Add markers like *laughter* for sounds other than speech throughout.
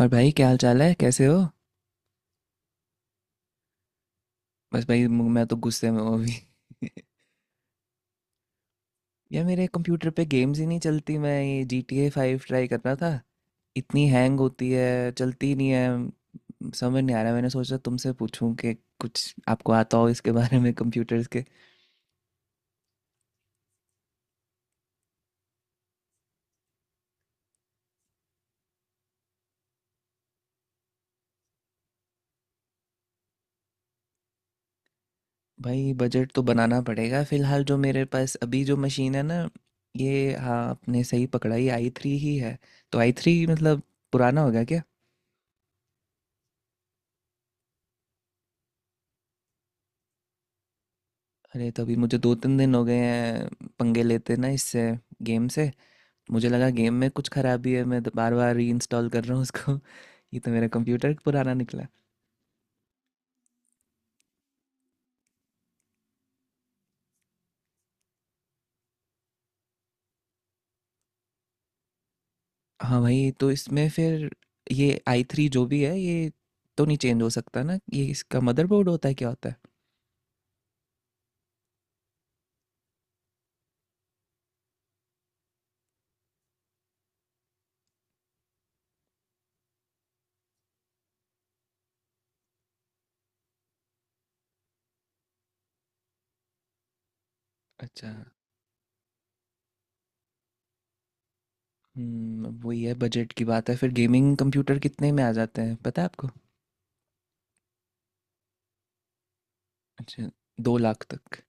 और भाई क्या हाल चाल है, कैसे हो। बस भाई मैं तो गुस्से में हूँ अभी। *laughs* यार मेरे कंप्यूटर पे गेम्स ही नहीं चलती। मैं ये GTA फाइव ट्राई कर रहा था। इतनी हैंग होती है, चलती ही नहीं है। समझ नहीं आ रहा। मैंने सोचा तुमसे पूछूं कि कुछ आपको आता हो इसके बारे में, कंप्यूटर्स के। भाई बजट तो बनाना पड़ेगा। फिलहाल जो मेरे पास अभी जो मशीन है ना, ये हाँ, आपने सही पकड़ा, ये आई थ्री ही है। तो आई थ्री मतलब पुराना हो गया। अरे तो अभी मुझे 2-3 दिन हो गए हैं पंगे लेते ना इससे, गेम से। मुझे लगा गेम में कुछ खराबी है, मैं तो बार बार रीइंस्टॉल कर रहा हूँ उसको। *laughs* ये तो मेरा कंप्यूटर पुराना निकला। हाँ भाई तो इसमें फिर ये आई थ्री जो भी है ये तो नहीं चेंज हो सकता ना। ये इसका मदरबोर्ड होता है, क्या होता है? अच्छा। हम्म, अब वही है, बजट की बात है। फिर गेमिंग कंप्यूटर कितने में आ जाते हैं, पता है आपको? अच्छा, 2 लाख तक?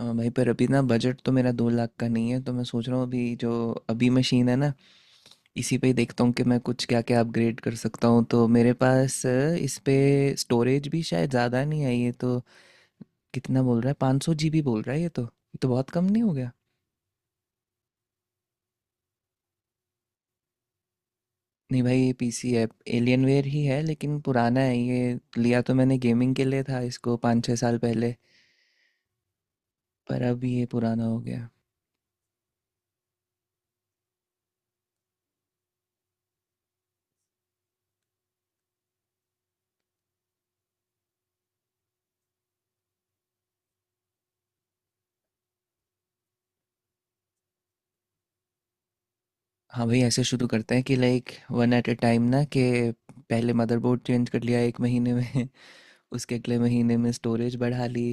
हाँ भाई, पर अभी ना बजट तो मेरा 2 लाख का नहीं है। तो मैं सोच रहा हूँ अभी जो अभी मशीन है ना, इसी पे ही देखता हूँ कि मैं कुछ क्या क्या अपग्रेड कर सकता हूँ। तो मेरे पास इस पे स्टोरेज भी शायद ज़्यादा नहीं है। ये तो कितना बोल रहा है, 500 GB बोल रहा है। ये तो बहुत कम नहीं हो गया? नहीं भाई, ये PC है। एलियनवेयर ही है लेकिन पुराना है। ये लिया तो मैंने गेमिंग के लिए था, इसको 5-6 साल पहले। पर अब ये पुराना हो गया। हाँ भाई, ऐसे शुरू करते हैं कि like one at a time ना, कि पहले मदरबोर्ड चेंज कर लिया एक महीने में, उसके अगले महीने में स्टोरेज बढ़ा ली।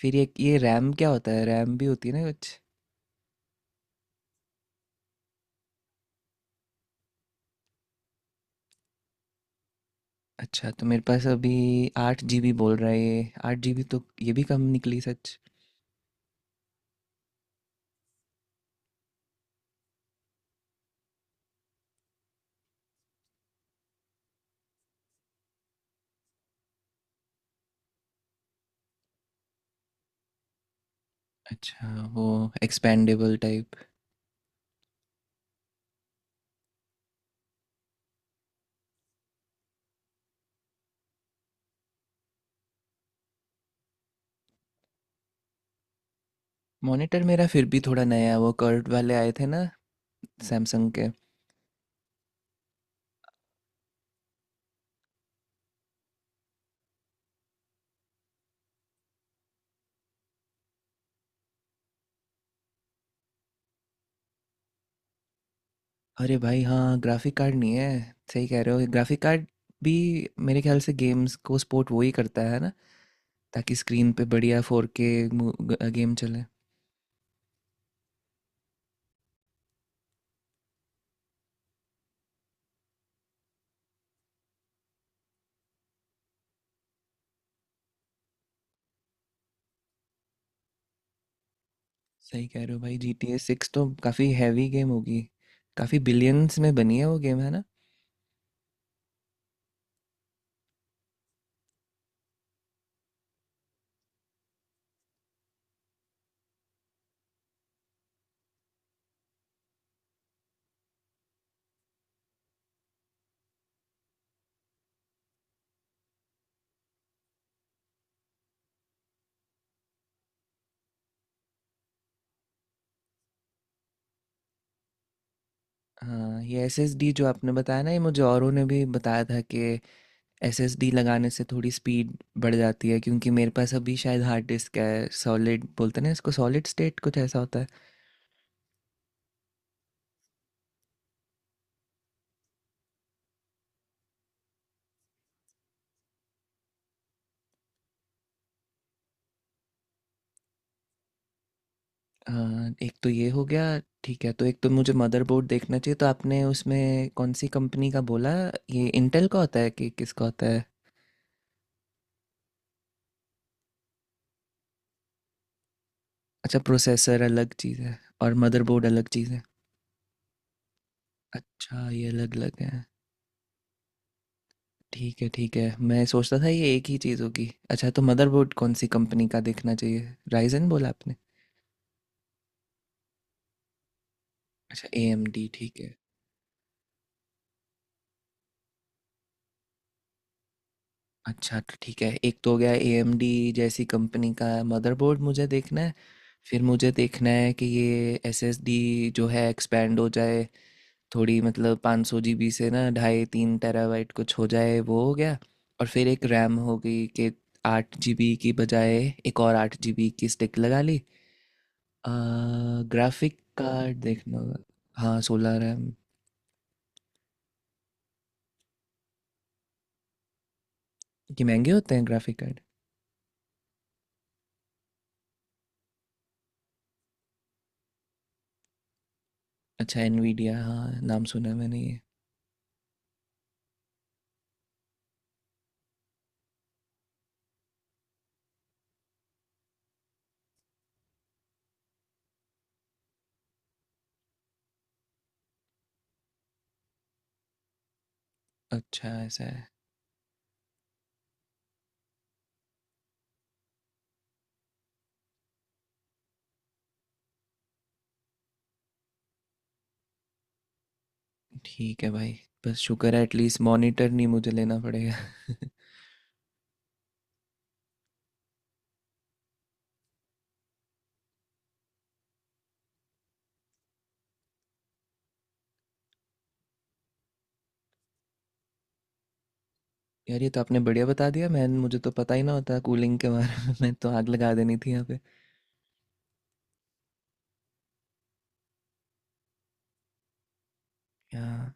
फिर ये रैम क्या होता है, रैम भी होती है ना कुछ। अच्छा, तो मेरे पास अभी 8 GB बोल रहा है। ये 8 GB तो ये भी कम निकली सच। अच्छा, वो एक्सपेंडेबल टाइप। मॉनिटर मेरा फिर भी थोड़ा नया है। वो कर्ट वाले आए थे ना, सैमसंग के। अरे भाई हाँ, ग्राफिक कार्ड नहीं है। सही कह रहे हो। ग्राफिक कार्ड भी मेरे ख्याल से गेम्स को सपोर्ट वो ही करता है ना, ताकि स्क्रीन पे बढ़िया 4K गेम चले। सही कह रहे हो भाई, जी टी ए सिक्स तो काफ़ी हैवी गेम होगी। काफ़ी बिलियंस में बनी है वो, गेम है ना। हाँ, ये SSD जो आपने बताया ना, ये मुझे औरों ने भी बताया था कि एस एस डी लगाने से थोड़ी स्पीड बढ़ जाती है, क्योंकि मेरे पास अभी शायद हार्ड डिस्क है। सॉलिड बोलते हैं ना इसको, सॉलिड स्टेट कुछ ऐसा होता है। हाँ, एक तो ये हो गया। ठीक है, तो एक तो मुझे मदरबोर्ड देखना चाहिए। तो आपने उसमें कौन सी कंपनी का बोला, ये इंटेल का होता है कि किसका होता है? अच्छा, प्रोसेसर अलग चीज़ है और मदरबोर्ड अलग चीज़ है। अच्छा, ये अलग अलग है। ठीक है ठीक है, मैं सोचता था ये एक ही चीज़ होगी। अच्छा, तो मदरबोर्ड कौन सी कंपनी का देखना चाहिए, राइजन बोला आपने? अच्छा, AMD, ठीक है। अच्छा तो ठीक है, एक तो हो गया, ए एम डी जैसी कंपनी का मदरबोर्ड मुझे देखना है। फिर मुझे देखना है कि ये एस एस डी जो है एक्सपेंड हो जाए थोड़ी, मतलब 500 GB से ना ढाई तीन टेराबाइट कुछ हो जाए, वो हो गया। और फिर एक रैम हो गई कि आठ जी बी की बजाय एक और 8 GB की स्टिक लगा ली। ग्राफिक कार्ड देखना होगा। हाँ, 16 रैम। कि महंगे होते हैं ग्राफिक कार्ड? अच्छा, एनवीडिया, हाँ नाम सुना है मैंने ये। अच्छा, ऐसा है। ठीक है भाई, बस शुक्र है एटलीस्ट मॉनिटर नहीं मुझे लेना पड़ेगा। *laughs* यार ये तो आपने बढ़िया बता दिया। मैं मुझे तो पता ही ना होता कूलिंग के बारे में। *laughs* मैं तो आग लगा देनी थी यहाँ पे। यहाँ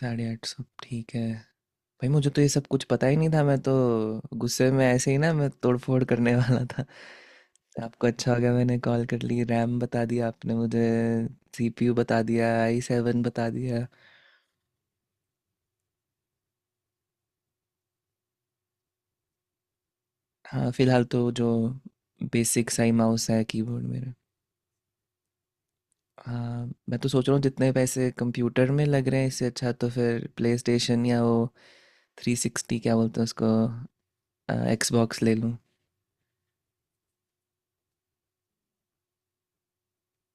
850 ठीक है। भाई मुझे तो ये सब कुछ पता ही नहीं था। मैं तो गुस्से में ऐसे ही ना, मैं तोड़फोड़ करने वाला था। आपको अच्छा हो गया, मैंने कॉल कर ली। रैम बता दिया आपने मुझे, सीपीयू बता दिया, आई सेवन बता दिया। हाँ फिलहाल तो जो बेसिक सा ही माउस है, कीबोर्ड मेरा। हाँ, मैं तो सोच रहा हूँ जितने पैसे कंप्यूटर में लग रहे हैं, इससे अच्छा तो फिर प्ले स्टेशन या वो थ्री सिक्सटी क्या बोलते हैं उसको, एक्सबॉक्स ले लूँ।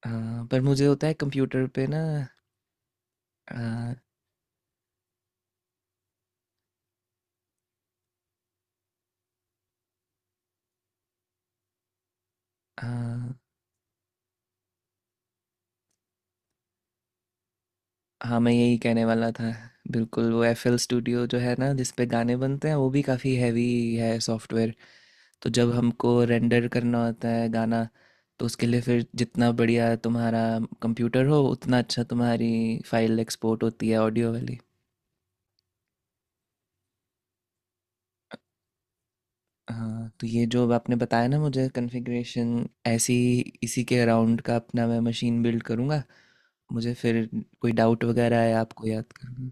हाँ पर मुझे होता है कंप्यूटर पे ना। आ, हाँ मैं यही कहने वाला था। बिल्कुल, वो FL स्टूडियो जो है ना, जिस पे गाने बनते हैं, वो भी काफ़ी हैवी है सॉफ्टवेयर। तो जब हमको रेंडर करना होता है गाना, तो उसके लिए फिर जितना बढ़िया तुम्हारा कंप्यूटर हो उतना अच्छा तुम्हारी फाइल एक्सपोर्ट होती है, ऑडियो वाली। हाँ तो ये जो अब आपने बताया ना मुझे कॉन्फ़िगरेशन ऐसी, इसी के अराउंड का अपना मैं मशीन बिल्ड करूँगा। मुझे फिर कोई डाउट वगैरह है, आपको याद करना।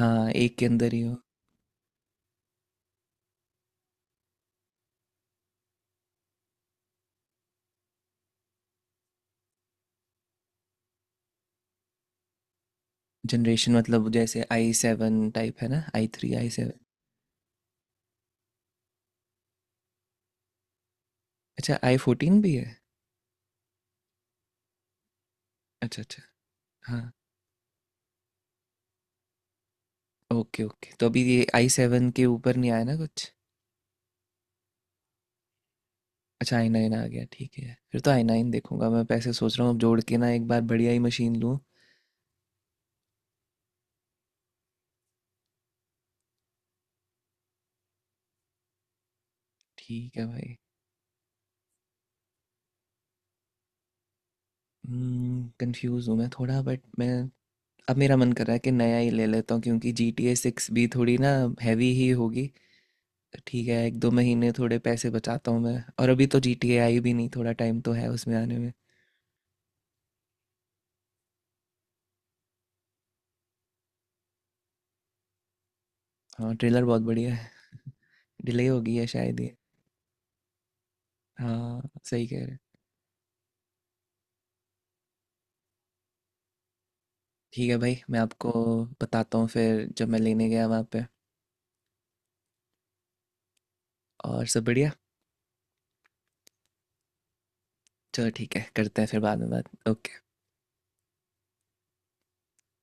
हाँ, एक के अंदर ही हो। जनरेशन मतलब जैसे आई सेवन टाइप है ना, आई थ्री, आई सेवन। अच्छा, आई फोर्टीन भी है। अच्छा अच्छा, हाँ। ओके ओके, तो अभी ये आई सेवन के ऊपर नहीं आया ना कुछ? अच्छा, आई नाइन आ गया। ठीक है, फिर तो आई नाइन देखूंगा। मैं पैसे सोच रहा हूँ अब जोड़ के ना, एक बार बढ़िया ही मशीन लूँ। ठीक है भाई, कंफ्यूज हूँ मैं थोड़ा, बट मैं अब मेरा मन कर रहा है कि नया ही ले लेता हूँ, क्योंकि जी टी ए सिक्स भी थोड़ी ना हैवी ही होगी। ठीक है, 1-2 महीने थोड़े पैसे बचाता हूँ मैं। और अभी तो जी टी ए आई भी नहीं, थोड़ा टाइम तो है उसमें आने में। हाँ ट्रेलर बहुत बढ़िया है। डिले हो गई है शायद ये। हाँ सही कह रहे हैं। ठीक है भाई, मैं आपको बताता हूँ फिर जब मैं लेने गया वहाँ पे। और सब बढ़िया। चलो ठीक है, करते हैं फिर बाद में बात। ओके।